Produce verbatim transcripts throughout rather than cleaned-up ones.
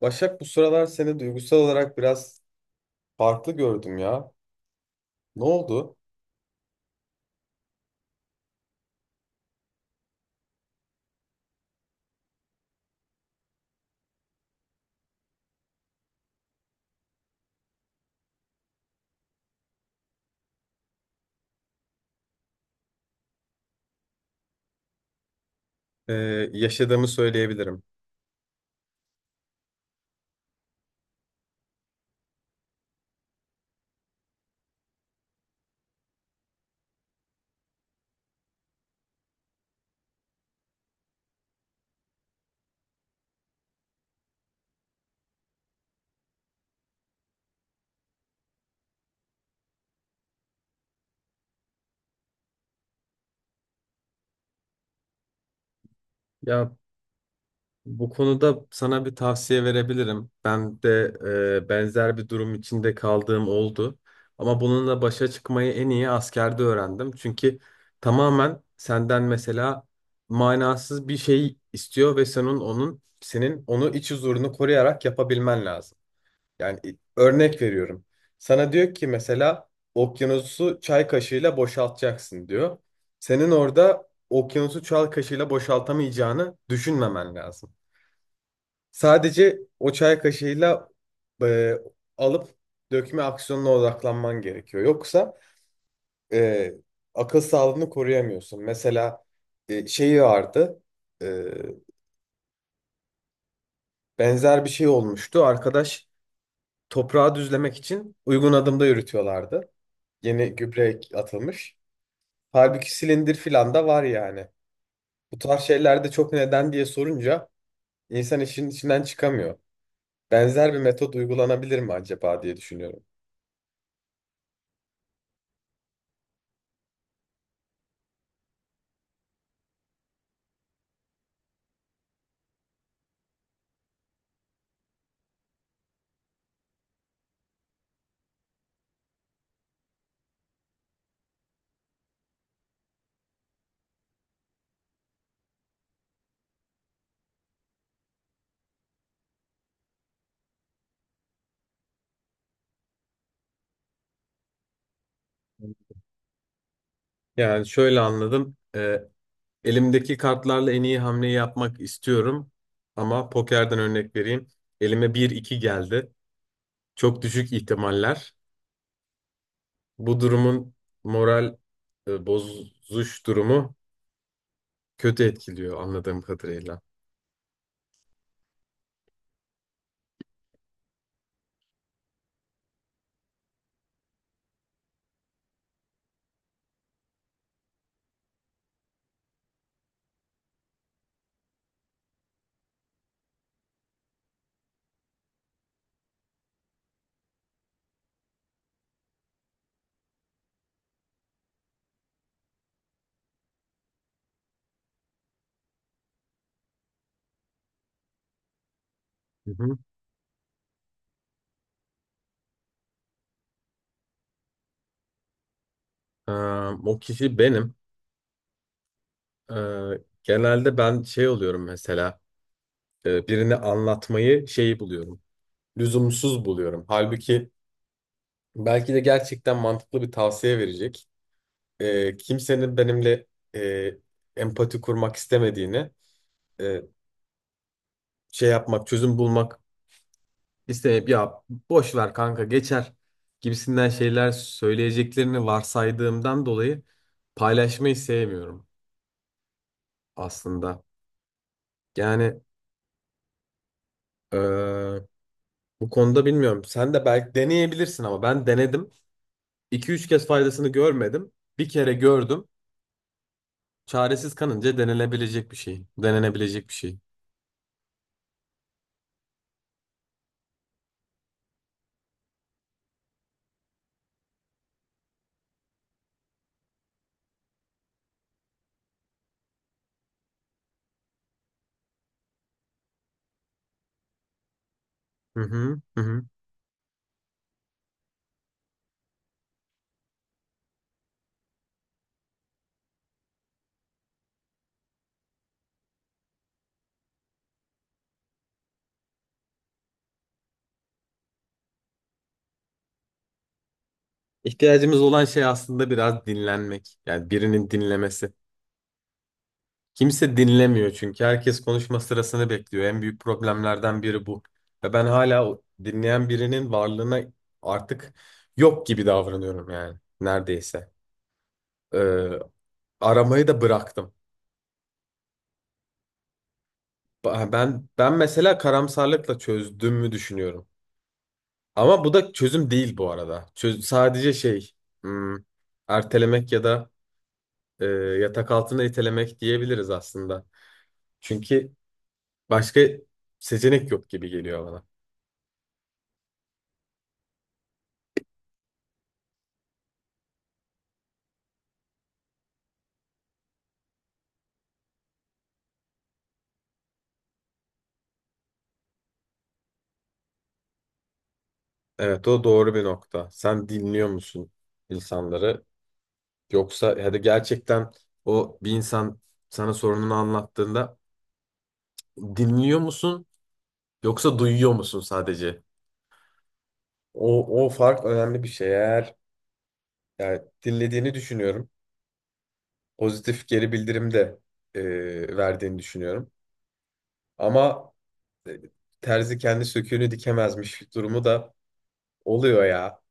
Başak, bu sıralar seni duygusal olarak biraz farklı gördüm ya. Ne oldu? Ee, Yaşadığımı söyleyebilirim. Ya bu konuda sana bir tavsiye verebilirim. Ben de e, benzer bir durum içinde kaldığım oldu. Ama bununla başa çıkmayı en iyi askerde öğrendim. Çünkü tamamen senden mesela manasız bir şey istiyor ve senin onun senin onu iç huzurunu koruyarak yapabilmen lazım. Yani örnek veriyorum. Sana diyor ki mesela okyanusu çay kaşığıyla boşaltacaksın diyor. Senin orada okyanusu çay kaşığıyla boşaltamayacağını düşünmemen lazım. Sadece o çay kaşığıyla e, alıp dökme aksiyonuna odaklanman gerekiyor. Yoksa e, akıl sağlığını koruyamıyorsun. Mesela e, şeyi vardı. e, Benzer bir şey olmuştu. Arkadaş toprağı düzlemek için uygun adımda yürütüyorlardı. Yeni gübre atılmış. Halbuki silindir filan da var yani. Bu tarz şeylerde çok neden diye sorunca insan işin içinden çıkamıyor. Benzer bir metot uygulanabilir mi acaba diye düşünüyorum. Yani şöyle anladım. Ee, elimdeki kartlarla en iyi hamleyi yapmak istiyorum. Ama pokerden örnek vereyim. Elime bir iki geldi. Çok düşük ihtimaller. Bu durumun moral e, bozuş durumu kötü etkiliyor anladığım kadarıyla. Hı hı. Ee, O kişi benim. Ee, Genelde ben şey oluyorum, mesela e, birini anlatmayı şeyi buluyorum. Lüzumsuz buluyorum. Halbuki belki de gerçekten mantıklı bir tavsiye verecek. Ee, kimsenin benimle e, empati kurmak istemediğini, e, şey yapmak, çözüm bulmak İsteyip ya boş ver kanka geçer gibisinden şeyler söyleyeceklerini varsaydığımdan dolayı paylaşmayı sevmiyorum aslında. Yani eee, bu konuda bilmiyorum. Sen de belki deneyebilirsin ama ben denedim. İki üç kez faydasını görmedim. Bir kere gördüm. Çaresiz kanınca denenebilecek bir şey. Denenebilecek bir şey. Hı hı, hı hı. İhtiyacımız olan şey aslında biraz dinlenmek. Yani birinin dinlemesi. Kimse dinlemiyor çünkü herkes konuşma sırasını bekliyor. En büyük problemlerden biri bu. Ve ben hala o dinleyen birinin varlığına artık yok gibi davranıyorum yani neredeyse. Ee, Aramayı da bıraktım. Ba- Ben ben mesela karamsarlıkla çözdüğümü düşünüyorum. Ama bu da çözüm değil bu arada. Çöz, sadece şey, hmm, ertelemek ya da e, yatak altına itelemek diyebiliriz aslında. Çünkü başka seçenek yok gibi geliyor bana. Evet, o doğru bir nokta. Sen dinliyor musun insanları? Yoksa hadi gerçekten o bir insan sana sorununu anlattığında dinliyor musun yoksa duyuyor musun sadece? O, o fark önemli bir şey. Eğer yani dinlediğini düşünüyorum. Pozitif geri bildirim de e, verdiğini düşünüyorum. Ama e, terzi kendi söküğünü dikemezmiş durumu da oluyor ya.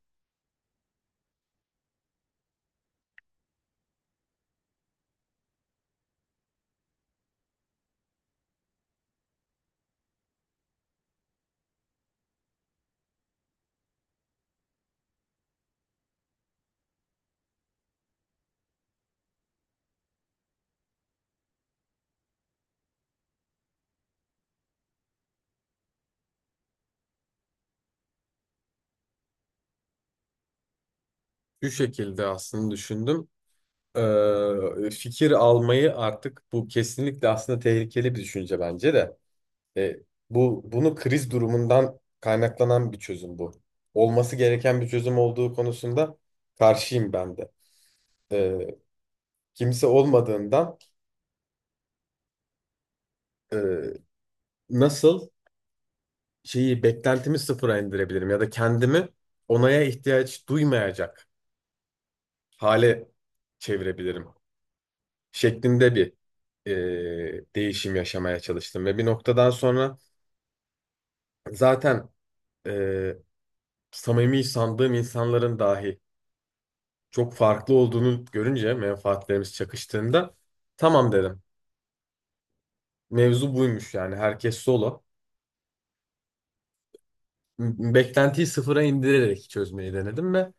Şu şekilde aslında düşündüm. E, fikir almayı artık bu kesinlikle aslında tehlikeli bir düşünce bence de. E, bu bunu kriz durumundan kaynaklanan bir çözüm bu. Olması gereken bir çözüm olduğu konusunda karşıyım ben de. E, Kimse olmadığından e, nasıl şeyi beklentimi sıfıra indirebilirim ya da kendimi onaya ihtiyaç duymayacak hale çevirebilirim şeklinde bir e, değişim yaşamaya çalıştım ve bir noktadan sonra zaten e, samimi sandığım insanların dahi çok farklı olduğunu görünce menfaatlerimiz çakıştığında tamam dedim. Mevzu buymuş, yani herkes solo. M- Beklentiyi sıfıra indirerek çözmeyi denedim ve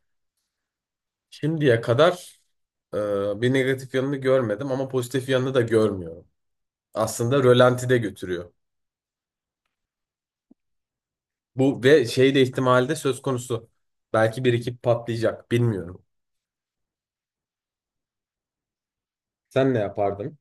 şimdiye kadar e, bir negatif yanını görmedim ama pozitif yanını da görmüyorum. Aslında rölantide götürüyor. Bu ve şey de ihtimali de söz konusu. Belki bir iki patlayacak, bilmiyorum. Sen ne yapardın?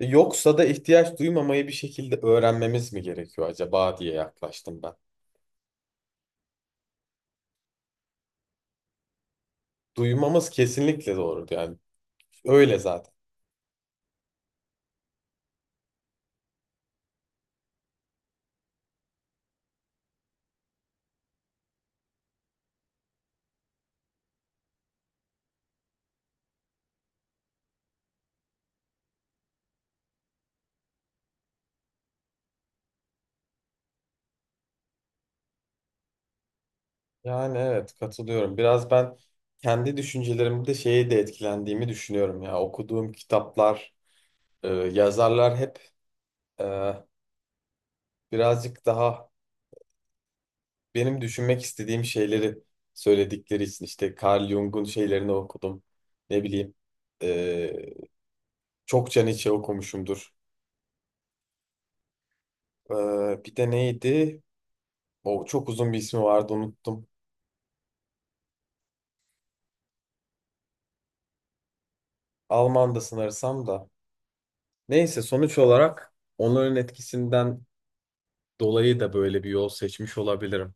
Yoksa da ihtiyaç duymamayı bir şekilde öğrenmemiz mi gerekiyor acaba diye yaklaştım ben. Duymamız kesinlikle doğru, yani öyle zaten. Yani evet, katılıyorum. Biraz ben kendi düşüncelerimde şeye de etkilendiğimi düşünüyorum ya. Okuduğum kitaplar, e, yazarlar hep e, birazcık daha benim düşünmek istediğim şeyleri söyledikleri için, işte Carl Jung'un şeylerini okudum. Ne bileyim, e, çokça Nietzsche okumuşumdur. E, Bir de neydi? O çok uzun bir ismi vardı, unuttum. Alman da sanırsam da. Neyse, sonuç olarak onların etkisinden dolayı da böyle bir yol seçmiş olabilirim.